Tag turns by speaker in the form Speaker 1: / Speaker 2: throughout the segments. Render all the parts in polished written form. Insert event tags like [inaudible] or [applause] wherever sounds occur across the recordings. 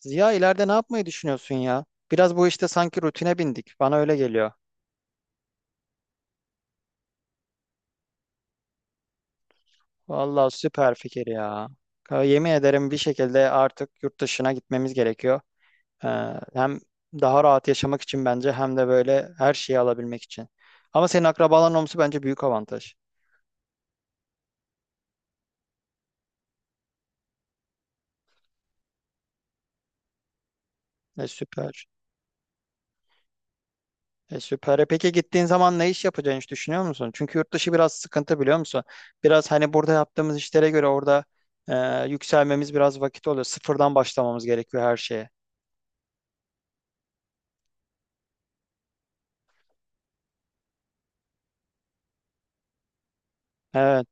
Speaker 1: Ziya ileride ne yapmayı düşünüyorsun ya? Biraz bu işte sanki rutine bindik. Bana öyle geliyor. Vallahi süper fikir ya. Yemin ederim bir şekilde artık yurt dışına gitmemiz gerekiyor. Ee, hem daha rahat yaşamak için bence hem de böyle her şeyi alabilmek için. Ama senin akrabaların olması bence büyük avantaj. E süper. E süper. E peki gittiğin zaman ne iş yapacağını hiç düşünüyor musun? Çünkü yurt dışı biraz sıkıntı biliyor musun? Biraz hani burada yaptığımız işlere göre orada yükselmemiz biraz vakit oluyor. Sıfırdan başlamamız gerekiyor her şeye. Evet.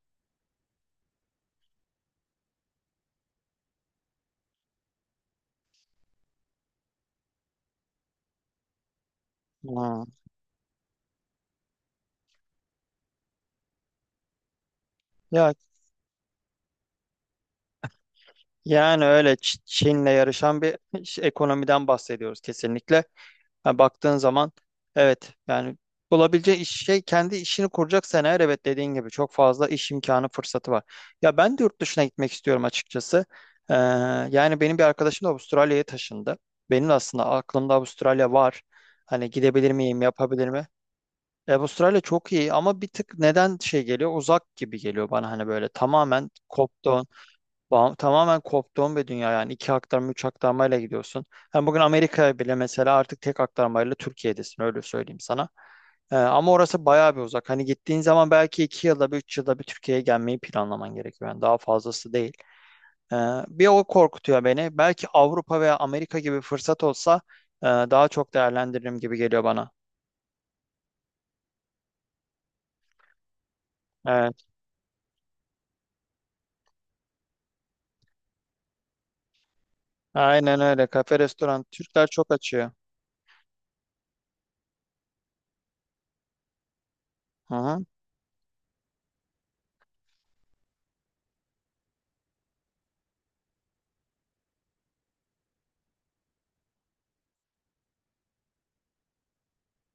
Speaker 1: Ha. Ya yani öyle Çin'le yarışan bir [laughs] ekonomiden bahsediyoruz kesinlikle. Ha, baktığın zaman evet yani bulabileceği iş, şey kendi işini kuracaksan eğer evet dediğin gibi çok fazla iş imkanı fırsatı var. Ya ben de yurt dışına gitmek istiyorum açıkçası. Ee, yani benim bir arkadaşım da Avustralya'ya taşındı. Benim de aslında aklımda Avustralya var. Hani gidebilir miyim, yapabilir mi? E, Avustralya çok iyi ama bir tık neden şey geliyor? Uzak gibi geliyor bana hani böyle tamamen koptu. Tamamen koptuğum bir dünya yani iki aktarma üç aktarmayla gidiyorsun. Hem bugün Amerika'ya bile mesela artık tek aktarmayla Türkiye'desin öyle söyleyeyim sana. Ama orası bayağı bir uzak. Hani gittiğin zaman belki 2 yılda bir 3 yılda bir Türkiye'ye gelmeyi planlaman gerekiyor. Yani daha fazlası değil. Ee, bir o korkutuyor beni. Belki Avrupa veya Amerika gibi fırsat olsa daha çok değerlendiririm gibi geliyor bana. Evet. Aynen öyle. Kafe, restoran. Türkler çok açıyor. Hı hı.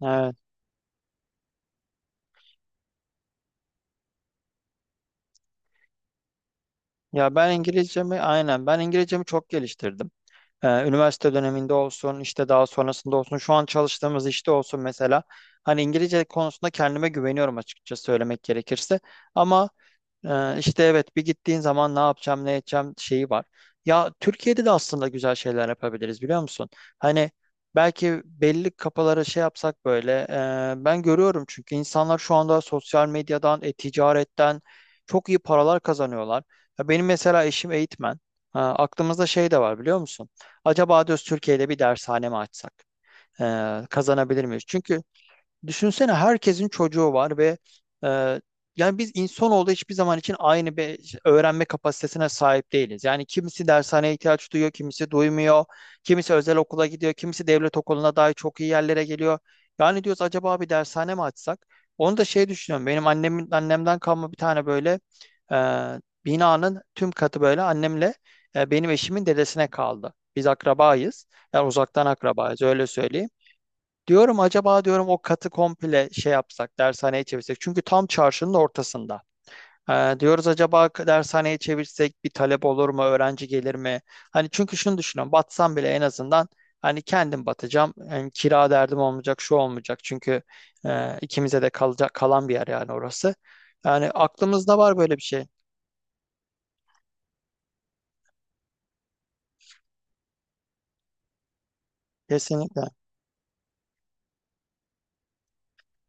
Speaker 1: Evet. Ya ben İngilizcemi çok geliştirdim. Üniversite döneminde olsun, işte daha sonrasında olsun, şu an çalıştığımız işte olsun mesela. Hani İngilizce konusunda kendime güveniyorum açıkça söylemek gerekirse. Ama işte evet bir gittiğin zaman ne yapacağım ne edeceğim şeyi var. Ya Türkiye'de de aslında güzel şeyler yapabiliriz biliyor musun? Hani belki belli kafalara şey yapsak böyle ben görüyorum çünkü insanlar şu anda sosyal medyadan, e-ticaretten çok iyi paralar kazanıyorlar. Ya benim mesela eşim eğitmen. Ha, aklımızda şey de var biliyor musun? Acaba diyoruz Türkiye'de bir dershane mi açsak? Kazanabilir miyiz? Çünkü düşünsene herkesin çocuğu var ve e, yani biz insanoğlu hiçbir zaman için aynı bir öğrenme kapasitesine sahip değiliz. Yani kimisi dershaneye ihtiyaç duyuyor, kimisi duymuyor, kimisi özel okula gidiyor, kimisi devlet okuluna dahi çok iyi yerlere geliyor. Yani diyoruz acaba bir dershane mi açsak? Onu da şey düşünüyorum. Benim annemin annemden kalma bir tane böyle e, binanın tüm katı böyle annemle benim eşimin dedesine kaldı. Biz akrabayız. Yani uzaktan akrabayız öyle söyleyeyim. Diyorum acaba diyorum o katı komple şey yapsak, dershaneye çevirsek. Çünkü tam çarşının ortasında. Diyoruz acaba dershaneye çevirsek bir talep olur mu, öğrenci gelir mi? Hani çünkü şunu düşünüyorum, batsam bile en azından hani kendim batacağım. Yani kira derdim olmayacak, şu olmayacak. Çünkü ikimize de kalacak kalan bir yer yani orası. Yani aklımızda var böyle bir şey. Kesinlikle.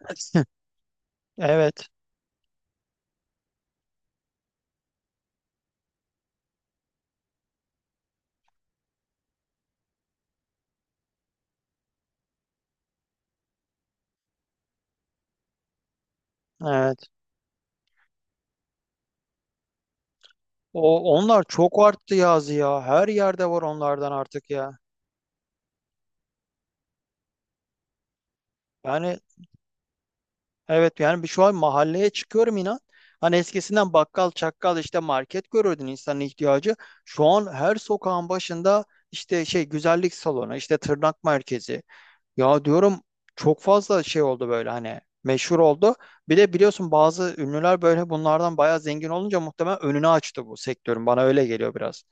Speaker 1: [laughs] Evet, evet. O onlar çok arttı yazı ya. Her yerde var onlardan artık ya. Yani evet yani şu an mahalleye çıkıyorum inan. Hani eskisinden bakkal, çakkal işte market görürdün insanın ihtiyacı. Şu an her sokağın başında işte şey güzellik salonu, işte tırnak merkezi. Ya diyorum çok fazla şey oldu böyle hani meşhur oldu. Bir de biliyorsun bazı ünlüler böyle bunlardan bayağı zengin olunca muhtemelen önünü açtı bu sektörün. Bana öyle geliyor biraz.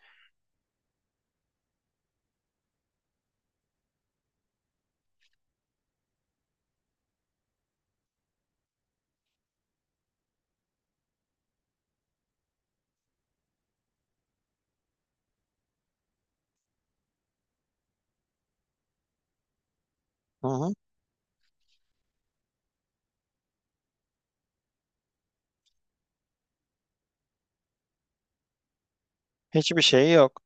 Speaker 1: Hı hı. Hiçbir şeyi yok.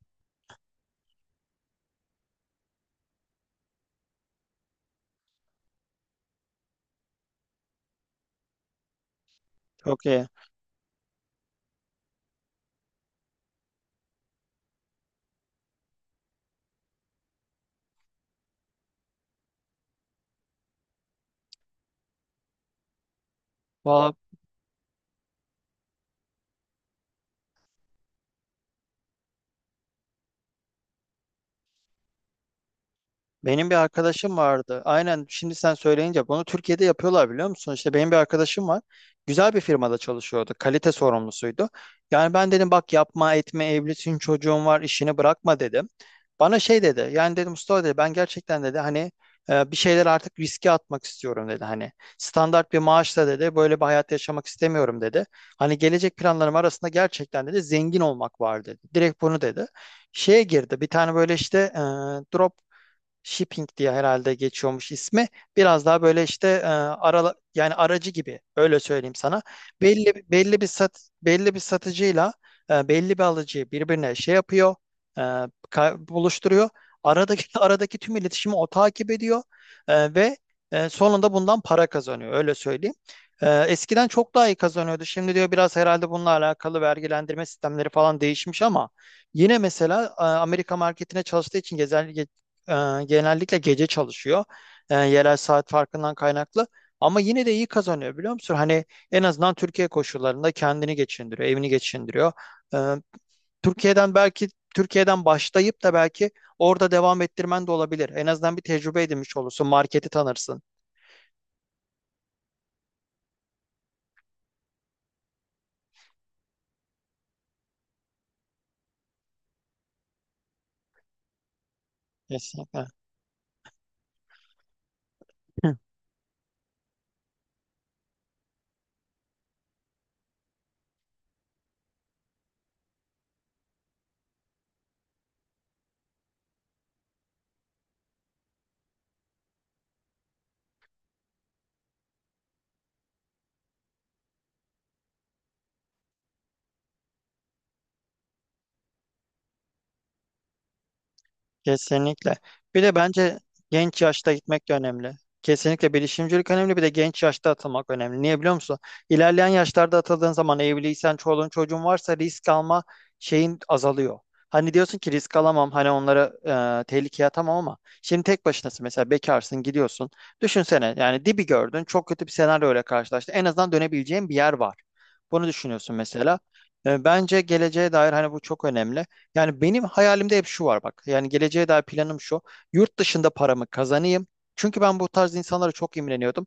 Speaker 1: Çok iyi. Valla, benim bir arkadaşım vardı. Aynen şimdi sen söyleyince bunu Türkiye'de yapıyorlar biliyor musun? İşte benim bir arkadaşım var. Güzel bir firmada çalışıyordu. Kalite sorumlusuydu. Yani ben dedim bak yapma etme evlisin çocuğun var işini bırakma dedim. Bana şey dedi. Yani dedim Mustafa dedi ben gerçekten dedi hani bir şeyler artık riske atmak istiyorum dedi. Hani standart bir maaşla dedi böyle bir hayat yaşamak istemiyorum dedi. Hani gelecek planlarım arasında gerçekten dedi zengin olmak var dedi. Direkt bunu dedi şeye girdi. Bir tane böyle işte drop Shipping diye herhalde geçiyormuş ismi. Biraz daha böyle işte yani aracı gibi öyle söyleyeyim sana. Belli Belli bir satıcıyla belli bir alıcıyı birbirine şey yapıyor, e, buluşturuyor. Aradaki [laughs] aradaki tüm iletişimi o takip ediyor ve sonunda bundan para kazanıyor öyle söyleyeyim. E, eskiden çok daha iyi kazanıyordu. Şimdi diyor biraz herhalde bununla alakalı vergilendirme sistemleri falan değişmiş ama yine mesela Amerika marketine çalıştığı için gezer, ee, genellikle gece çalışıyor. Yerel saat farkından kaynaklı. Ama yine de iyi kazanıyor biliyor musun? Hani en azından Türkiye koşullarında kendini geçindiriyor, evini geçindiriyor. Ee, Türkiye'den belki Türkiye'den başlayıp da belki orada devam ettirmen de olabilir. En azından bir tecrübe edinmiş olursun, marketi tanırsın. Kesinlikle. Kesinlikle. Bir de bence genç yaşta gitmek de önemli. Kesinlikle bilişimcilik önemli bir de genç yaşta atılmak önemli. Niye biliyor musun? İlerleyen yaşlarda atıldığın zaman evliysen, çoluğun çocuğun varsa risk alma şeyin azalıyor. Hani diyorsun ki risk alamam, hani onları tehlikeye atamam ama şimdi tek başınasın mesela bekarsın gidiyorsun. Düşünsene yani dibi gördün çok kötü bir senaryo ile karşılaştın. En azından dönebileceğin bir yer var. Bunu düşünüyorsun mesela. E, bence geleceğe dair hani bu çok önemli. Yani benim hayalimde hep şu var bak. Yani geleceğe dair planım şu. Yurt dışında paramı kazanayım. Çünkü ben bu tarz insanlara çok imreniyordum.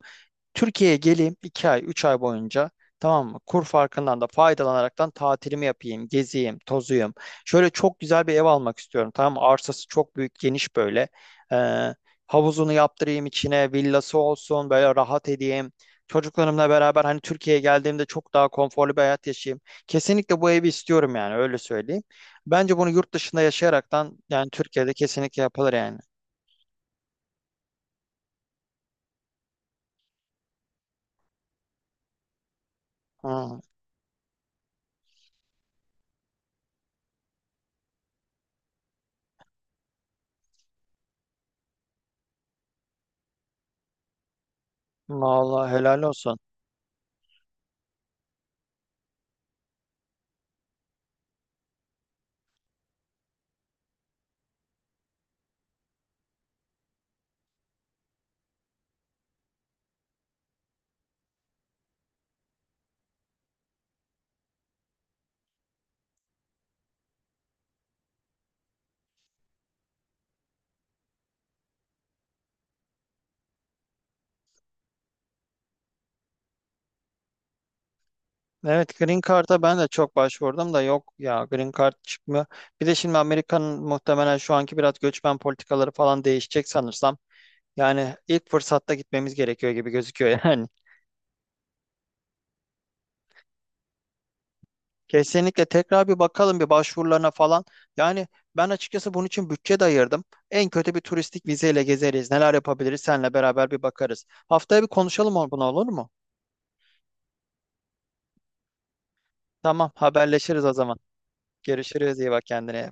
Speaker 1: Türkiye'ye geleyim 2 ay 3 ay boyunca tamam mı? Kur farkından da faydalanaraktan tatilimi yapayım, geziyim, tozuyum. Şöyle çok güzel bir ev almak istiyorum tamam mı? Arsası çok büyük, geniş böyle. Ee, havuzunu yaptırayım içine, villası olsun, böyle rahat edeyim. Çocuklarımla beraber hani Türkiye'ye geldiğimde çok daha konforlu bir hayat yaşayayım. Kesinlikle bu evi istiyorum yani öyle söyleyeyim. Bence bunu yurt dışında yaşayaraktan yani Türkiye'de kesinlikle yapılır yani. Hı, vallahi helal olsun. Evet, Green Card'a ben de çok başvurdum da yok ya Green Card çıkmıyor. Bir de şimdi Amerika'nın muhtemelen şu anki biraz göçmen politikaları falan değişecek sanırsam. Yani ilk fırsatta gitmemiz gerekiyor gibi gözüküyor yani. [laughs] Kesinlikle tekrar bir bakalım bir başvurularına falan. Yani ben açıkçası bunun için bütçe de ayırdım. En kötü bir turistik vizeyle gezeriz. Neler yapabiliriz seninle beraber bir bakarız. Haftaya bir konuşalım bunu olur mu? Tamam haberleşiriz o zaman. Görüşürüz iyi bak kendine.